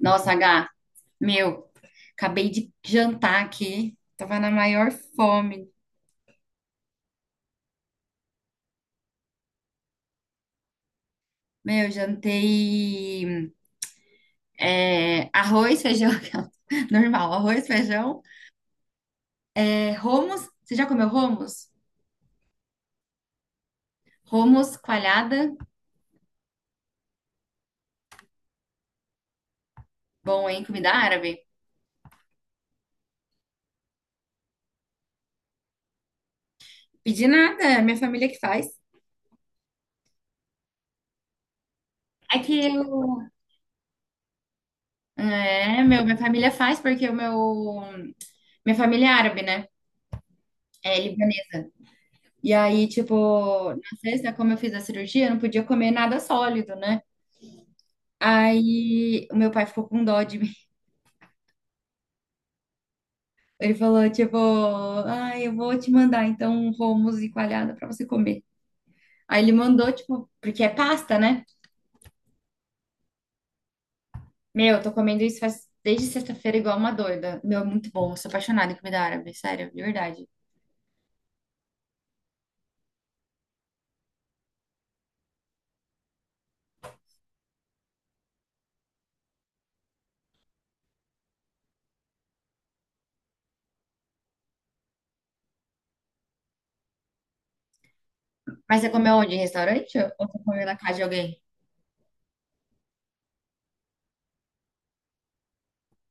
Nossa, H, meu, acabei de jantar aqui. Tava na maior fome. Meu, jantei arroz, feijão, normal, arroz, feijão. É, hummus, você já comeu hummus? Hummus, coalhada, bom, hein? Comida árabe. Pedi nada, é minha família que faz. É que eu... É, meu, minha família faz porque o meu... Minha família é árabe, né? É libanesa. E aí, tipo, na sexta, como eu fiz a cirurgia, eu não podia comer nada sólido, né? Aí o meu pai ficou com dó de mim. Ele falou, tipo, ah eu vou te mandar então um hummus e coalhada pra você comer. Aí ele mandou, tipo, porque é pasta, né? Meu, eu tô comendo isso faz desde sexta-feira igual uma doida. Meu, é muito bom. Eu sou apaixonada em comida árabe, sério, de verdade. Mas você comeu onde? Em restaurante? Ou você comeu na casa de alguém?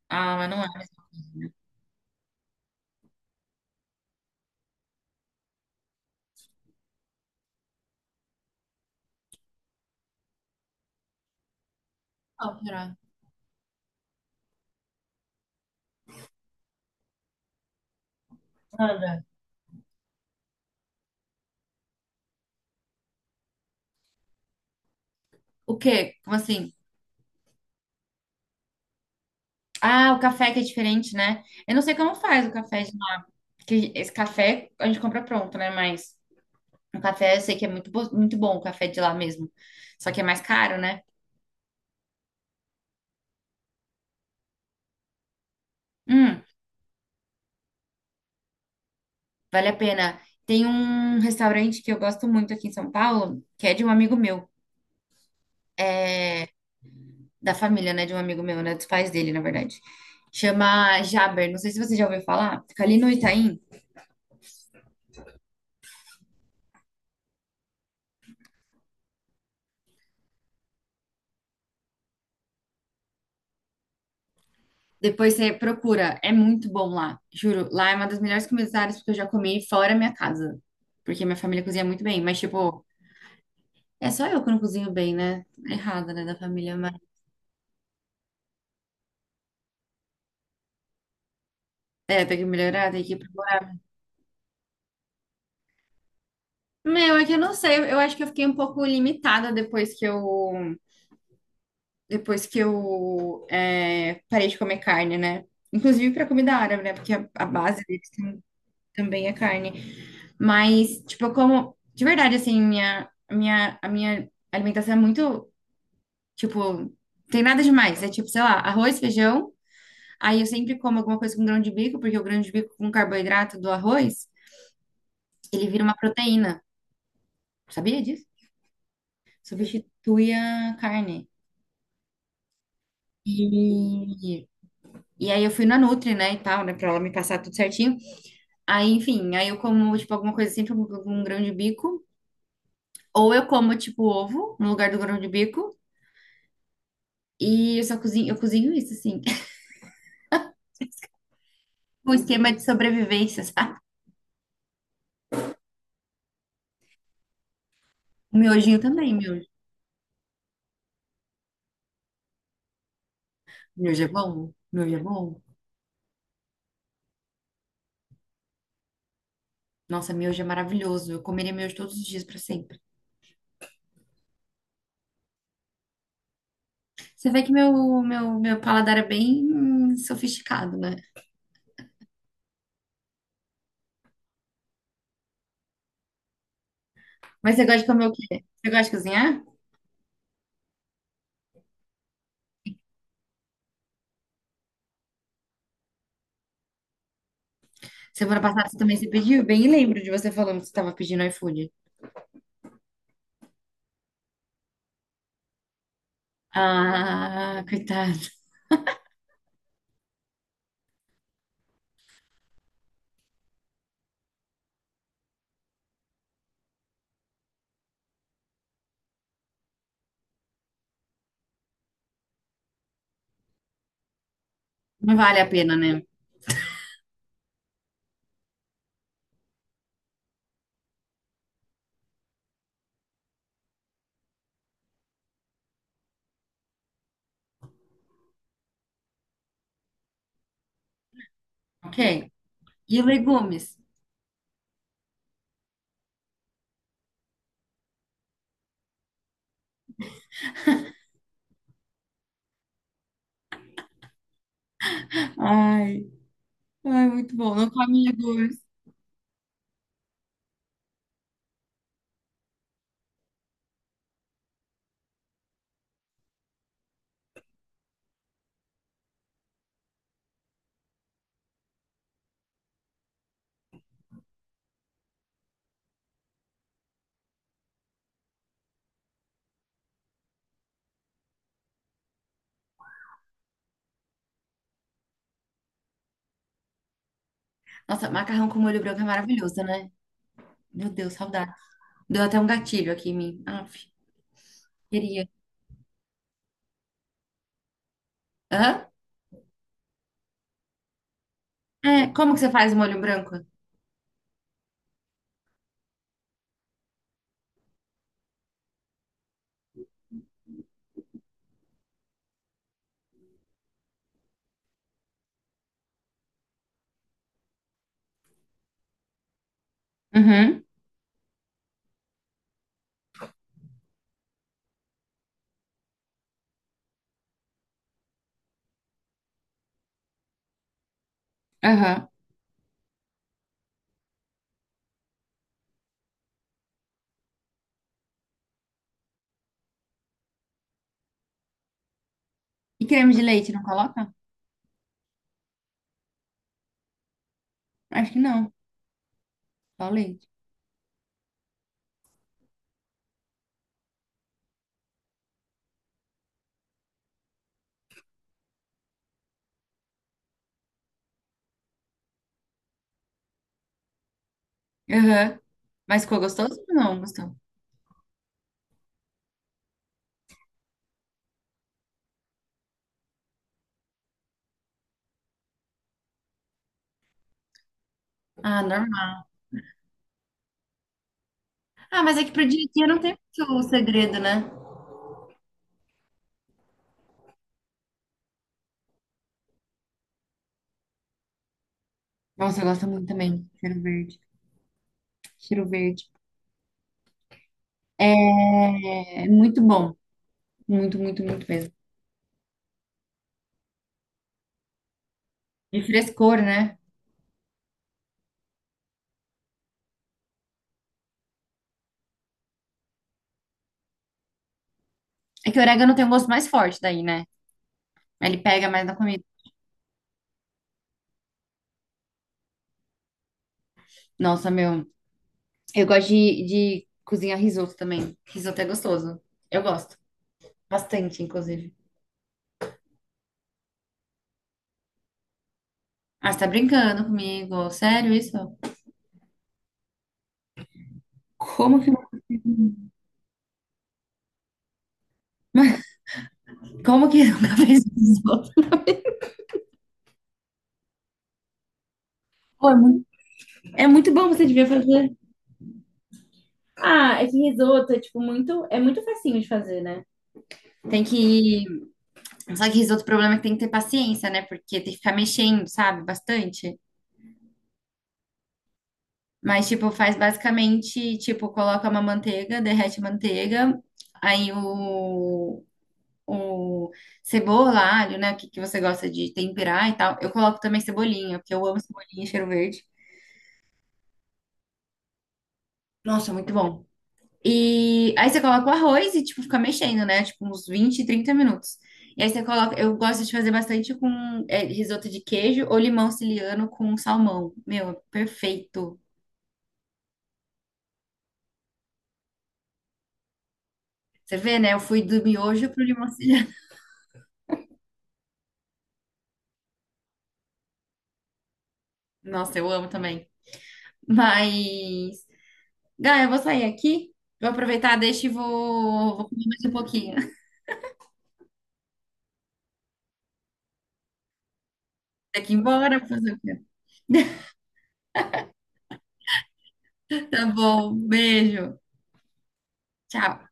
Ah, mas não é a mesma coisa, né? Qual será? Manda. O quê? Como assim? Ah, o café que é diferente, né? Eu não sei como faz o café de lá. Porque esse café a gente compra pronto, né? Mas o café eu sei que é muito, muito bom, o café de lá mesmo. Só que é mais caro, né? Hum, Vale a pena. Tem um restaurante que eu gosto muito aqui em São Paulo, que é de um amigo meu, da família, né? De um amigo meu, né? Dos pais dele, na verdade. Chama Jaber. Não sei se você já ouviu falar. Fica ali no Itaim. Depois você procura, é muito bom lá, juro. Lá é uma das melhores culinárias que eu já comi fora minha casa, porque minha família cozinha muito bem, mas tipo, é só eu que não cozinho bem, né? Errada, né, da família, mas é, tem que melhorar, tem que ir pro- Meu, é que eu não sei, eu acho que eu fiquei um pouco limitada depois que eu parei de comer carne, né? Inclusive para comida árabe, né? Porque a base deles também é carne. Mas, tipo, eu como de verdade assim, minha alimentação é muito tipo, tem nada demais. É tipo, sei lá, arroz, feijão. Aí eu sempre como alguma coisa com grão de bico, porque o grão de bico com carboidrato do arroz, ele vira uma proteína. Sabia disso? Substitui a carne. E, e aí eu fui na Nutri, né, e tal, né, pra ela me passar tudo certinho. Aí, enfim, aí eu como, tipo, alguma coisa sempre com grão de bico. Ou eu como, tipo, ovo no lugar do grão de bico. E eu só cozinho, eu cozinho isso, assim. Um esquema de sobrevivência, sabe? O miojinho também, miojo. Miojo é bom? Miojo é bom? Nossa, miojo é maravilhoso. Eu comeria miojo todos os dias para sempre. Você vê que meu, meu paladar é bem sofisticado, né? Mas você gosta de comer o quê? Você gosta de cozinhar? Semana passada você também se pediu? Eu bem lembro de você falando que você estava pedindo iFood. Ah, coitado. Não vale a pena, né? Ok. E legumes? Ai, ai, muito bom. Não come legumes. Nossa, macarrão com molho branco é maravilhoso, né? Meu Deus, saudade. Deu até um gatilho aqui em mim. Aff, queria. Hã? É, como que você faz o molho branco? Uhum, aham. E creme de leite, não coloca? Acho que não, só leite. Aham. Mas ficou gostoso ou não gostou? Ah, normal. Ah, mas é que pro dia a dia não tem muito segredo, né? Nossa, eu gosto muito também. Cheiro verde. Cheiro verde. É muito bom. Muito, muito, muito mesmo. De frescor, né? É que o orégano tem um gosto mais forte daí, né? Ele pega mais na comida. Nossa, meu. Eu gosto de cozinhar risoto também. Risoto é gostoso. Eu gosto. Bastante, inclusive. Ah, você tá brincando comigo? Sério isso? Como que como que nunca fez risoto? Pô, é muito bom, você devia fazer. Ah, é que risoto é tipo muito, é muito facinho de fazer, né? Tem que. Só que risoto, o problema é que tem que ter paciência, né? Porque tem que ficar mexendo, sabe? Bastante. Mas, tipo, faz basicamente, tipo, coloca uma manteiga, derrete a manteiga, aí o, cebola, alho, né? O que, que você gosta de temperar e tal. Eu coloco também cebolinha, porque eu amo cebolinha e cheiro verde. Nossa, muito bom. E aí você coloca o arroz e, tipo, fica mexendo, né? Tipo, uns 20, 30 minutos. E aí você coloca. Eu gosto de fazer bastante com é, risoto de queijo ou limão siciliano com salmão. Meu, é perfeito. Você vê, né? Eu fui do miojo pro limão siciliano. Nossa, eu amo também. Mas. Gaia, eu vou sair aqui. Vou aproveitar, deixa e vou, comer mais um pouquinho. Tem que ir embora fazer o quê? Tá bom, beijo. Tchau.